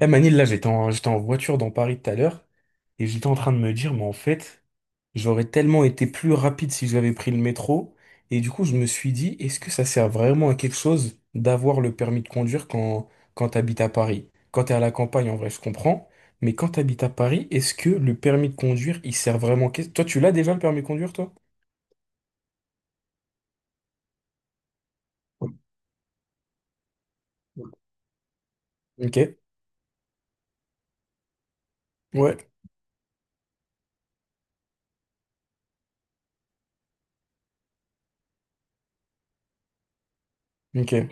Eh Manil, là j'étais en voiture dans Paris tout à l'heure et j'étais en train de me dire, mais en fait, j'aurais tellement été plus rapide si j'avais pris le métro. Et du coup, je me suis dit, est-ce que ça sert vraiment à quelque chose d'avoir le permis de conduire quand t'habites à Paris? Quand t'es à la campagne, en vrai, je comprends. Mais quand t'habites à Paris, est-ce que le permis de conduire, il sert vraiment? Toi, tu l'as déjà le permis de conduire, toi? Oui. Ok. Ouais. Ok.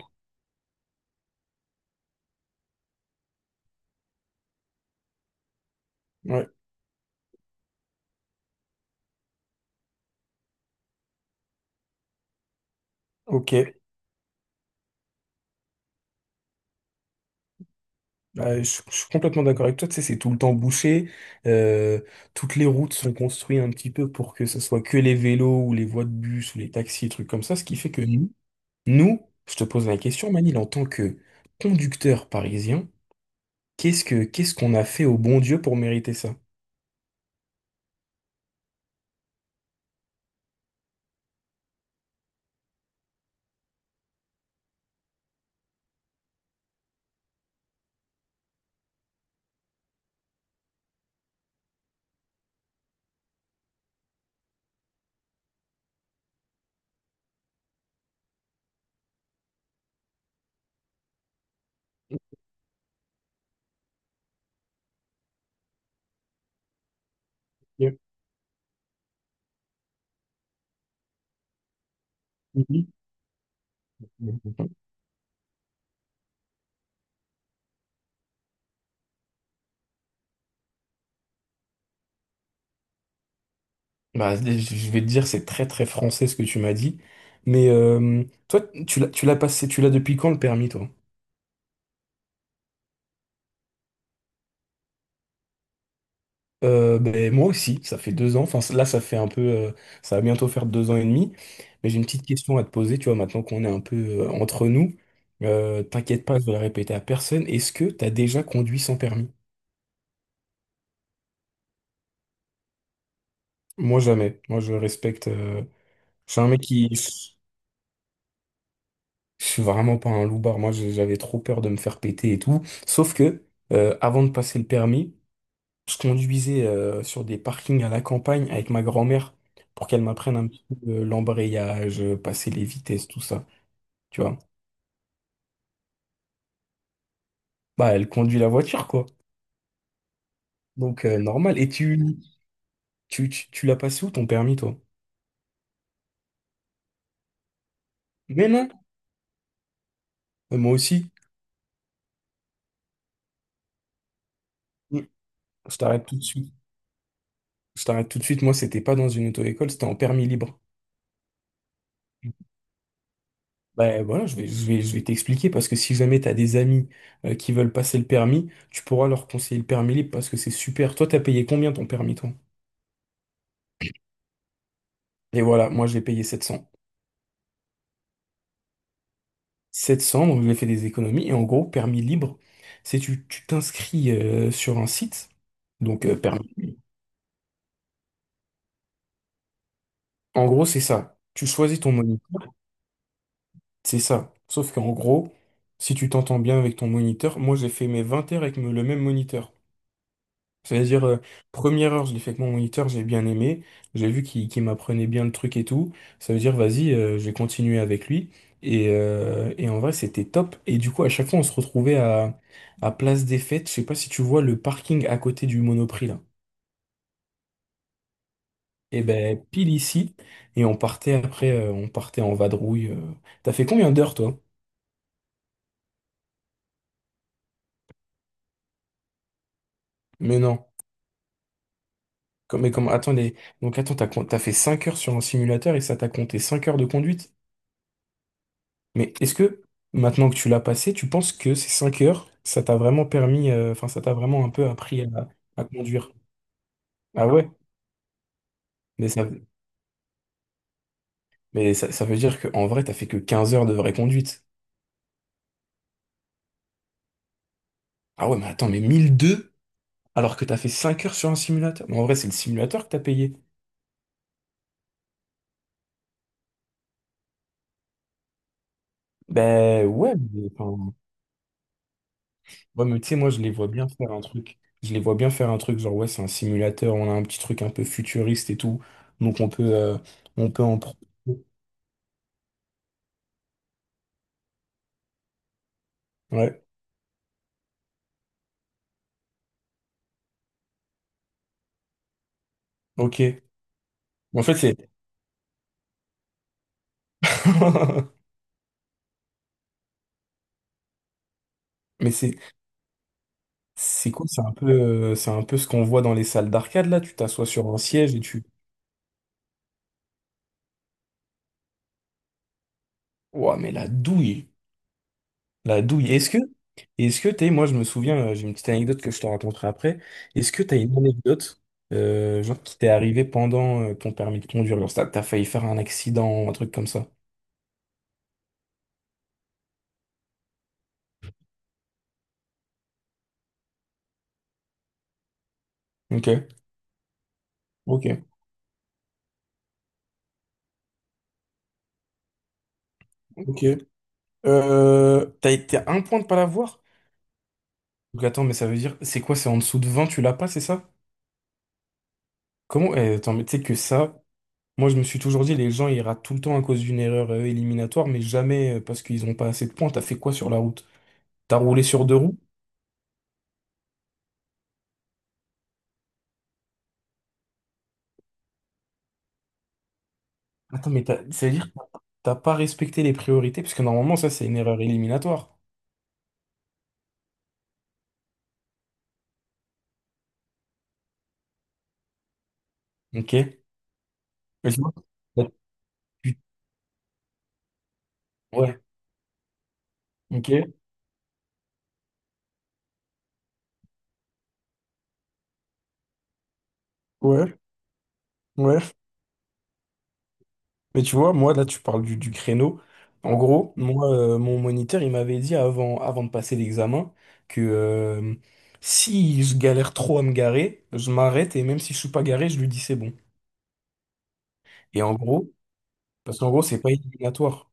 Ouais. Ok. Bah, je suis complètement d'accord avec toi, tu sais, c'est tout le temps bouché. euh, Toutes les routes sont construites un petit peu pour que ce soit que les vélos ou les voies de bus ou les taxis, trucs comme ça, ce qui fait que. Mhm. Nous, je te pose la question, Manil, en tant que conducteur parisien, qu'est-ce qu'on a fait au bon Dieu pour mériter ça? Bien. Mhm. Mhm. Bah, je vais te dire, c'est très très français ce que tu m'as dit, mais toi, tu l'as passé, tu l'as depuis quand le permis, toi? Ben, moi aussi, ça fait 2 ans. Enfin, là, ça fait un peu, ça va bientôt faire 2 ans et demi. Mais j'ai une petite question à te poser. Tu vois, maintenant qu'on est un peu entre nous, t'inquiète pas, je vais la répéter à personne. Est-ce que t'as déjà conduit sans permis? Moi, jamais. Moi, je respecte. Je suis un mec qui, je suis vraiment pas un loupard. Moi, j'avais trop peur de me faire péter et tout. Sauf que, avant de passer le permis. Se conduisait sur des parkings à la campagne avec ma grand-mère pour qu'elle m'apprenne un petit peu l'embrayage, passer les vitesses, tout ça. Tu vois? Bah, elle conduit la voiture, quoi. Donc, normal. Et tu l'as passé où ton permis, toi? Mais non, moi aussi. Mm. Je t'arrête tout de suite. Je t'arrête tout de suite. Moi, c'était pas dans une auto-école, c'était en permis libre. Ben voilà, je vais t'expliquer parce que si jamais t'as des amis qui veulent passer le permis, tu pourras leur conseiller le permis libre parce que c'est super. Toi, t'as payé combien ton permis, toi? Et voilà, moi j'ai payé 700. 700, donc j'ai fait des économies. Et en gros, permis libre, c'est tu t'inscris sur un site, donc permis. En gros, c'est ça. Tu choisis ton moniteur, c'est ça. Sauf qu'en gros, si tu t'entends bien avec ton moniteur, moi j'ai fait mes 20 heures avec le même moniteur. C'est-à-dire, première heure, je l'ai fait avec mon moniteur, j'ai bien aimé. J'ai vu qu'il m'apprenait bien le truc et tout. Ça veut dire, vas-y, je vais continuer avec lui. Et en vrai, c'était top. Et du coup, à chaque fois, on se retrouvait à Place des Fêtes. Je sais pas si tu vois le parking à côté du Monoprix, là. Et ben, pile ici. Et on partait après, on partait en vadrouille. T'as fait combien d'heures, toi? Mais non. Mais comme, attendez. Donc, attends, t'as fait 5 heures sur un simulateur et ça t'a compté 5 heures de conduite? Mais est-ce que, maintenant que tu l'as passé, tu penses que ces 5 heures, ça t'a vraiment permis, enfin, ça t'a vraiment un peu appris à conduire? Ah ouais? Mais ça, Ça veut dire qu'en vrai, t'as fait que 15 heures de vraie conduite. Ah ouais, mais attends, mais 1002 alors que t'as fait 5 heures sur un simulateur? Mais en vrai, c'est le simulateur que t'as payé. Ben ouais, mais, enfin, ouais, mais tu sais, moi, je les vois bien faire un truc. Je les vois bien faire un truc, genre, ouais, c'est un simulateur, on a un petit truc un peu futuriste et tout. Donc, on peut en ouais, ok. En fait, c'est mais c'est cool, c'est un peu ce qu'on voit dans les salles d'arcade là, tu t'assois sur un siège et tu. Ouah, mais la douille, la douille. Est-ce que t'es Moi, je me souviens, j'ai une petite anecdote que je te raconterai après. Est-ce que t'as une anecdote genre qui t'est arrivée pendant ton permis de conduire, genre t'as failli faire un accident, un truc comme ça. Ok, ok, ok. T'as été à un point de pas l'avoir? Donc attends, mais ça veut dire c'est quoi? C'est en dessous de 20, tu l'as pas, c'est ça? Comment? Eh, attends, mais tu sais que ça. Moi, je me suis toujours dit, les gens, ils ratent tout le temps à cause d'une erreur éliminatoire, mais jamais parce qu'ils n'ont pas assez de points. T'as fait quoi sur la route? T'as roulé sur deux roues? Attends, mais c'est-à-dire que t'as pas respecté les priorités, parce que normalement, ça, c'est une erreur éliminatoire. Ok? Mais tu vois, là, tu- ouais, ok, ouais, ouais. Mais tu vois, moi, là, tu parles du créneau. En gros, moi, mon moniteur, il m'avait dit avant de passer l'examen que si je galère trop à me garer, je m'arrête et même si je suis pas garé, je lui dis c'est bon. Et en gros, Parce qu'en gros, c'est pas éliminatoire.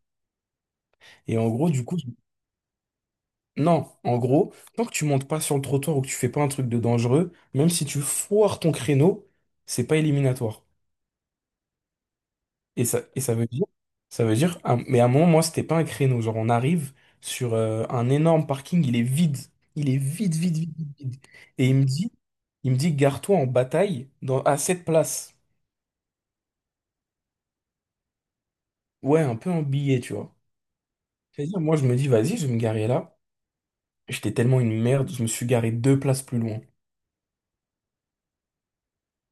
Et en gros, du coup, non, en gros, tant que tu montes pas sur le trottoir ou que tu fais pas un truc de dangereux, même si tu foires ton créneau, c'est pas éliminatoire. Et ça veut dire, ah, mais à un moment, moi, c'était pas un créneau. Genre, on arrive sur un énorme parking, il est vide. Il est vide, vide, vide, vide, vide. Et il me dit, gare-toi en bataille à cette place. Ouais, un peu en billet, tu vois. C'est-à-dire, moi, je me dis, vas-y, je vais me garer là. J'étais tellement une merde, je me suis garé 2 places plus loin.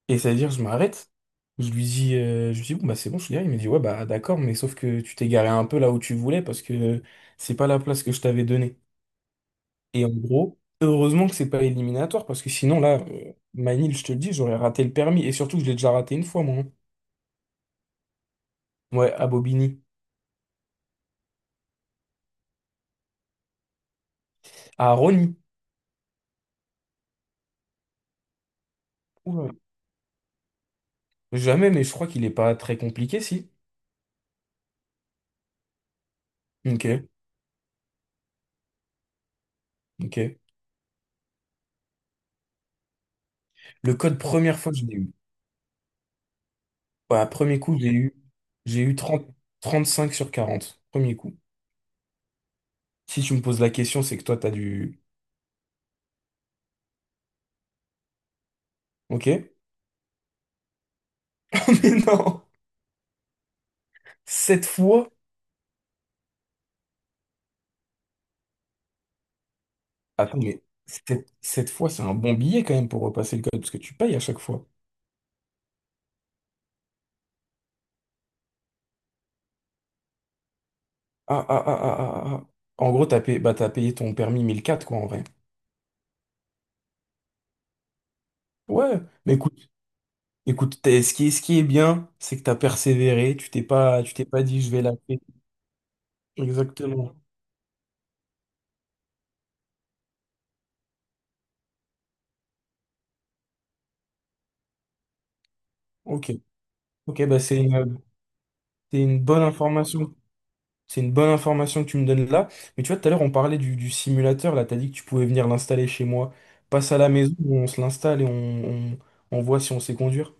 Et c'est à dire, je m'arrête. Je lui dis, bon, bah, c'est bon, je suis là. Il me dit, ouais, bah, d'accord, mais sauf que tu t'es garé un peu là où tu voulais parce que c'est pas la place que je t'avais donnée. Et en gros, heureusement que c'est pas éliminatoire parce que sinon, là, Manil, je te le dis, j'aurais raté le permis. Et surtout, que je l'ai déjà raté une fois, moi, hein. Ouais, à Bobigny. À Rony. Oula. Jamais, mais je crois qu'il est pas très compliqué, si. Ok, ok. Le code, première fois, je l'ai eu. Ouais, premier coup, j'ai eu 35/40. Premier coup. Si tu me poses la question, c'est que toi, t'as du. Ok. Mais non. Cette fois. Attends, mais cette fois, c'est un bon billet quand même pour repasser le code, parce que tu payes à chaque fois. Ah, ah, ah, ah, ah, ah, ah. En gros, t'as payé ton permis 1004, quoi, en vrai. Ouais, mais ce qui est bien, c'est que t'as persévéré, tu t'es pas dit, je vais la faire. Exactement. Ok. Ok, bah, c'est une bonne information. C'est une bonne information que tu me donnes là. Mais tu vois, tout à l'heure, on parlait du simulateur. Là, t'as dit que tu pouvais venir l'installer chez moi. Passe à la maison, on se l'installe et on voit si on sait conduire.